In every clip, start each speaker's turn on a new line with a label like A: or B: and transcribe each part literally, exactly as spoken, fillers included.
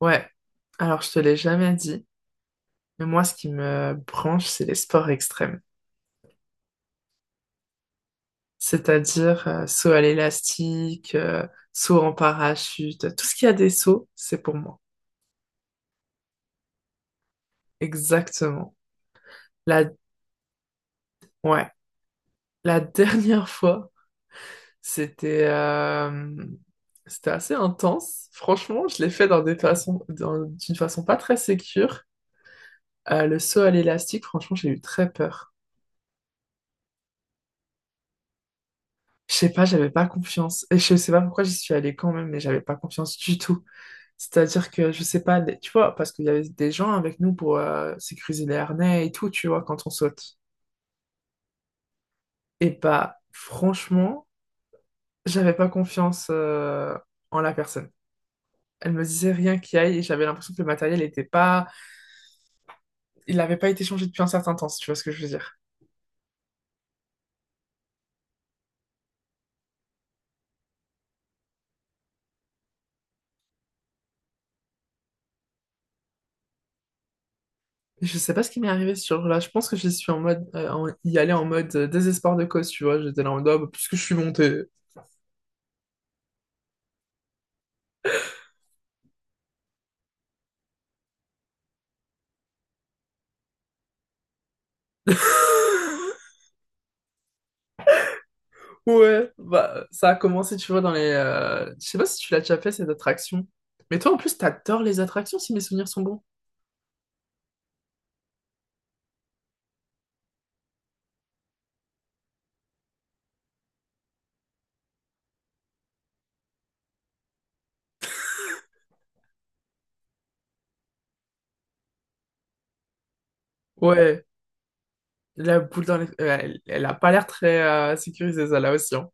A: Ouais, alors je te l'ai jamais dit, mais moi ce qui me branche, c'est les sports extrêmes. C'est-à-dire euh, saut à l'élastique, euh, saut en parachute, tout ce qui a des sauts, c'est pour moi. Exactement. La, ouais, la dernière fois, c'était euh, c'était assez intense. Franchement, je l'ai fait dans des façons, dans- d'une façon pas très sécure. Euh, le saut à l'élastique, franchement, j'ai eu très peur. Je sais pas, j'avais pas confiance. Et je sais pas pourquoi j'y suis allée quand même, mais j'avais pas confiance du tout. C'est-à-dire que, je sais pas, des- tu vois, parce qu'il y avait des gens avec nous pour euh, sécuriser les harnais et tout, tu vois, quand on saute. Et bah, franchement, j'avais pas confiance euh, en la personne. Elle me disait rien qui aille et j'avais l'impression que le matériel était pas... Il n'avait pas été changé depuis un certain temps, si tu vois ce que je veux dire. Je sais pas ce qui m'est arrivé ce jour-là. Je pense que je suis en mode, euh, en- y aller en mode euh, désespoir de cause, tu vois. J'étais là en mode, ah, bah, puisque je suis montée. Ouais, bah, ça a commencé, tu vois, dans les... euh, je sais pas si tu l'as déjà fait, ces attractions. Mais toi, en plus, t'adores les attractions, si mes souvenirs sont bons. Ouais, la boule dans les... euh, elle, elle a pas l'air très euh, sécurisée, ça, là aussi, hein.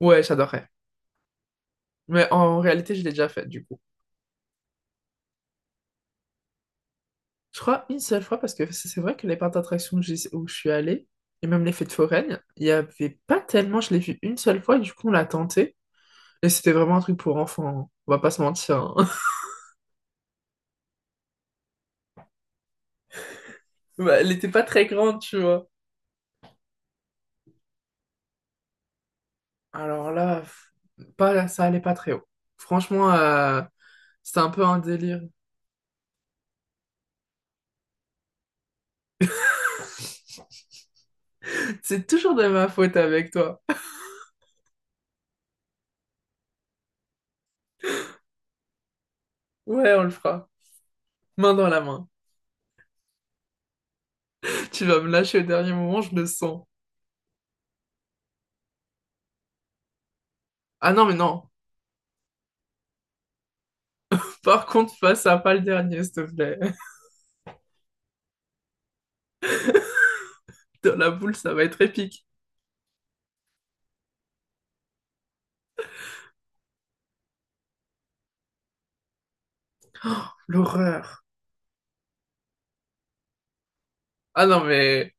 A: Ouais, j'adorerais. Mais en réalité, je l'ai déjà faite, du coup. Je crois une seule fois, parce que c'est c'est vrai que les parcs d'attractions que j'ai- où je suis allée, et même les fêtes foraines, il y avait pas tellement... Je l'ai vu une seule fois, et du coup, on l'a tenté. Et c'était vraiment un truc pour enfants, hein. On va pas se mentir, hein. Bah, elle était pas très grande, tu vois. Alors là, pff, pas, ça allait pas très haut. Franchement, euh, c'était un peu un délire. C'est toujours de ma faute avec toi. Ouais, on le fera. Main dans la main. Tu vas me lâcher au dernier moment, je le sens. Ah non, mais non. Par contre, fais ça, pas le dernier, s'il te plaît. Dans la boule, ça va être épique. L'horreur. Ah non, mais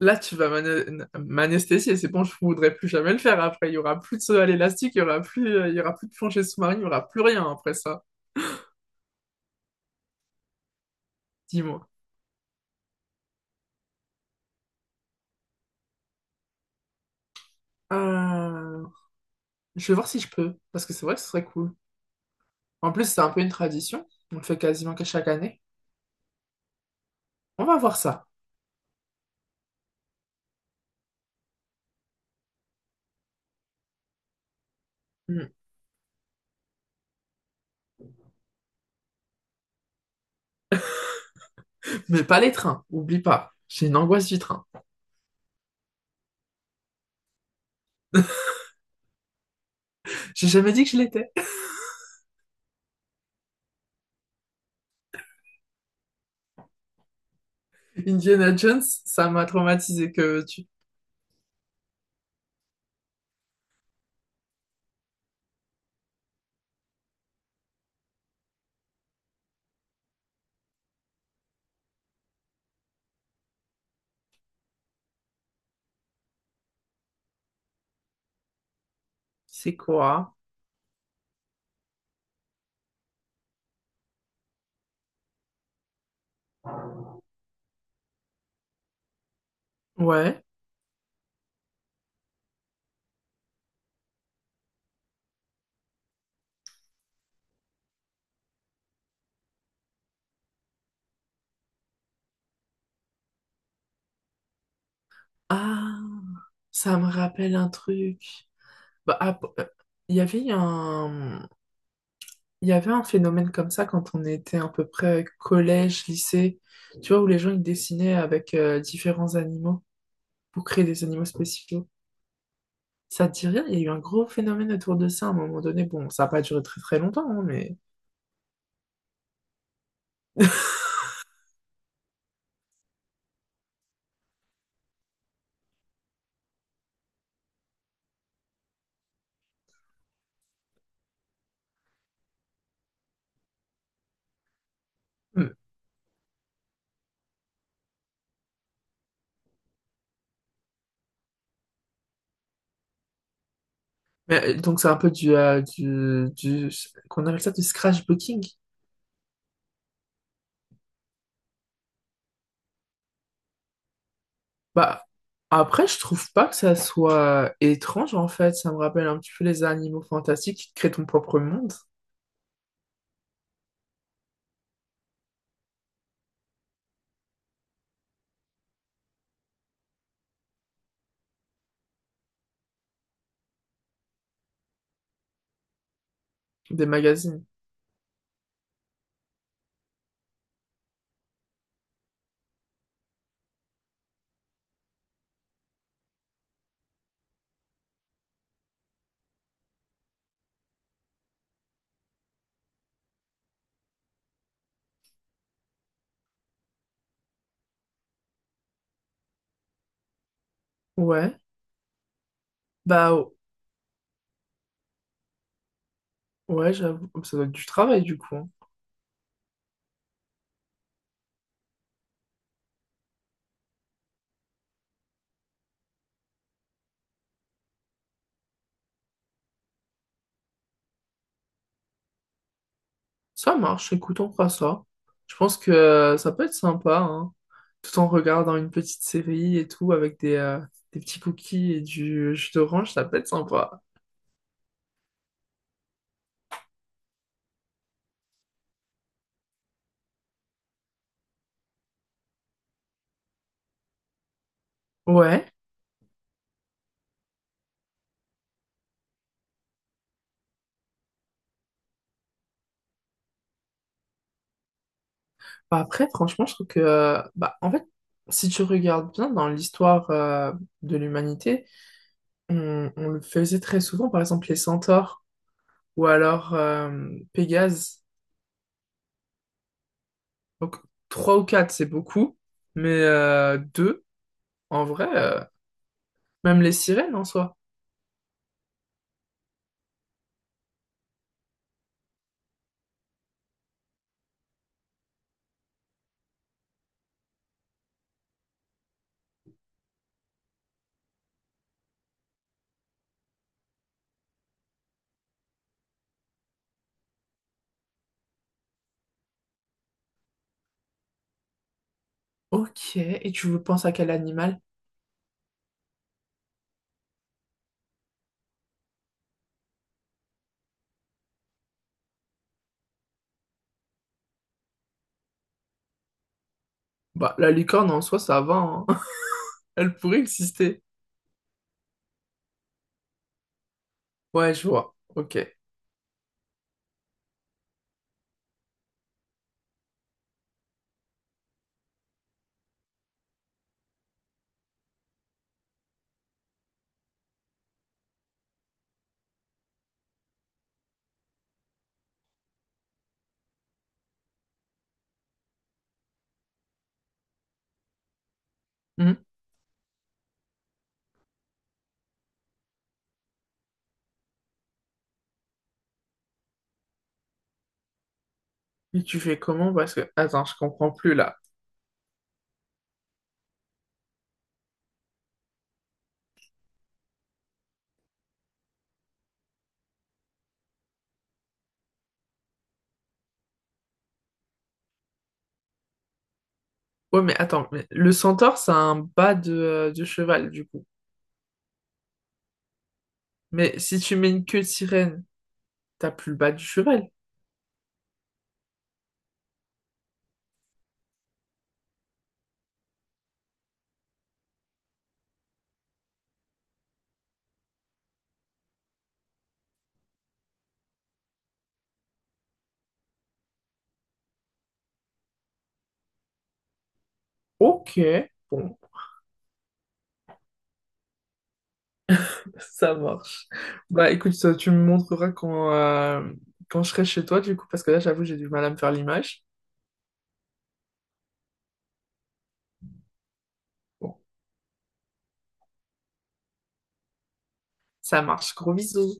A: là, tu vas m'ana- m'anesthésier. C'est bon, je voudrais plus jamais le faire après. Il y aura plus de saut à l'élastique, il y aura plus, euh, il y aura plus de plancher sous-marin, il y aura plus rien après ça. Dis-moi. Euh, Je vais voir si je peux, parce que c'est vrai que ce serait cool. En plus, c'est un peu une tradition. On le fait quasiment qu'à chaque année. On va voir ça. Mm. Mais pas les trains, oublie pas. J'ai une angoisse du train. J'ai jamais dit que je l'étais. Indiana Jones, ça m'a traumatisé que tu. C'est quoi? Ouais. Ah, ça me rappelle un truc. Bah, ap- euh, il y avait un... il y avait un phénomène comme ça quand on était à peu près collège, lycée, tu vois, où les gens ils dessinaient avec euh, différents animaux pour créer des animaux spéciaux. Ça te dit rien? Il y a eu un gros phénomène autour de ça à un moment donné. Bon, ça n'a pas duré très très longtemps, hein, mais... Mais, euh, donc c'est un peu du, euh, du, du... qu'on appelle ça du scratchbooking. Bah, après, je trouve pas que ça soit étrange, en fait. Ça me rappelle un petit peu les animaux fantastiques qui créent ton propre monde, des magazines. Ouais, bah ouais, j'avoue. Ça doit être du travail, du coup, hein. Ça marche, écoute, on fera ça. Je pense que euh, ça peut être sympa, hein, tout en regardant une petite série et tout, avec des, euh, des petits cookies et du jus d'orange, ça peut être sympa. Ouais. Bah après, franchement, je trouve que, euh, bah, en fait, si tu regardes bien dans l'histoire euh, de l'humanité, on, on le faisait très souvent, par exemple les centaures ou alors euh, Pégase. Donc, trois ou quatre, c'est beaucoup, mais euh, deux, en vrai, euh, même les sirènes en soi. Ok, et tu veux penser à quel animal? Bah, la licorne en soi, ça va, hein. Elle pourrait exister. Ouais, je vois. Ok. Hmm. Et tu fais comment? Parce que, attends, je comprends plus là. Ouais, mais attends, mais le centaure, c'est un bas de, euh, de cheval, du coup. Mais si tu mets une queue de sirène, t'as plus le bas du cheval. Ok, bon, ça marche. Bah, écoute, ça, tu me montreras quand, euh, quand je serai chez toi, du coup, parce que là, j'avoue, j'ai du mal à me faire l'image. Bon, ça marche. Gros bisous.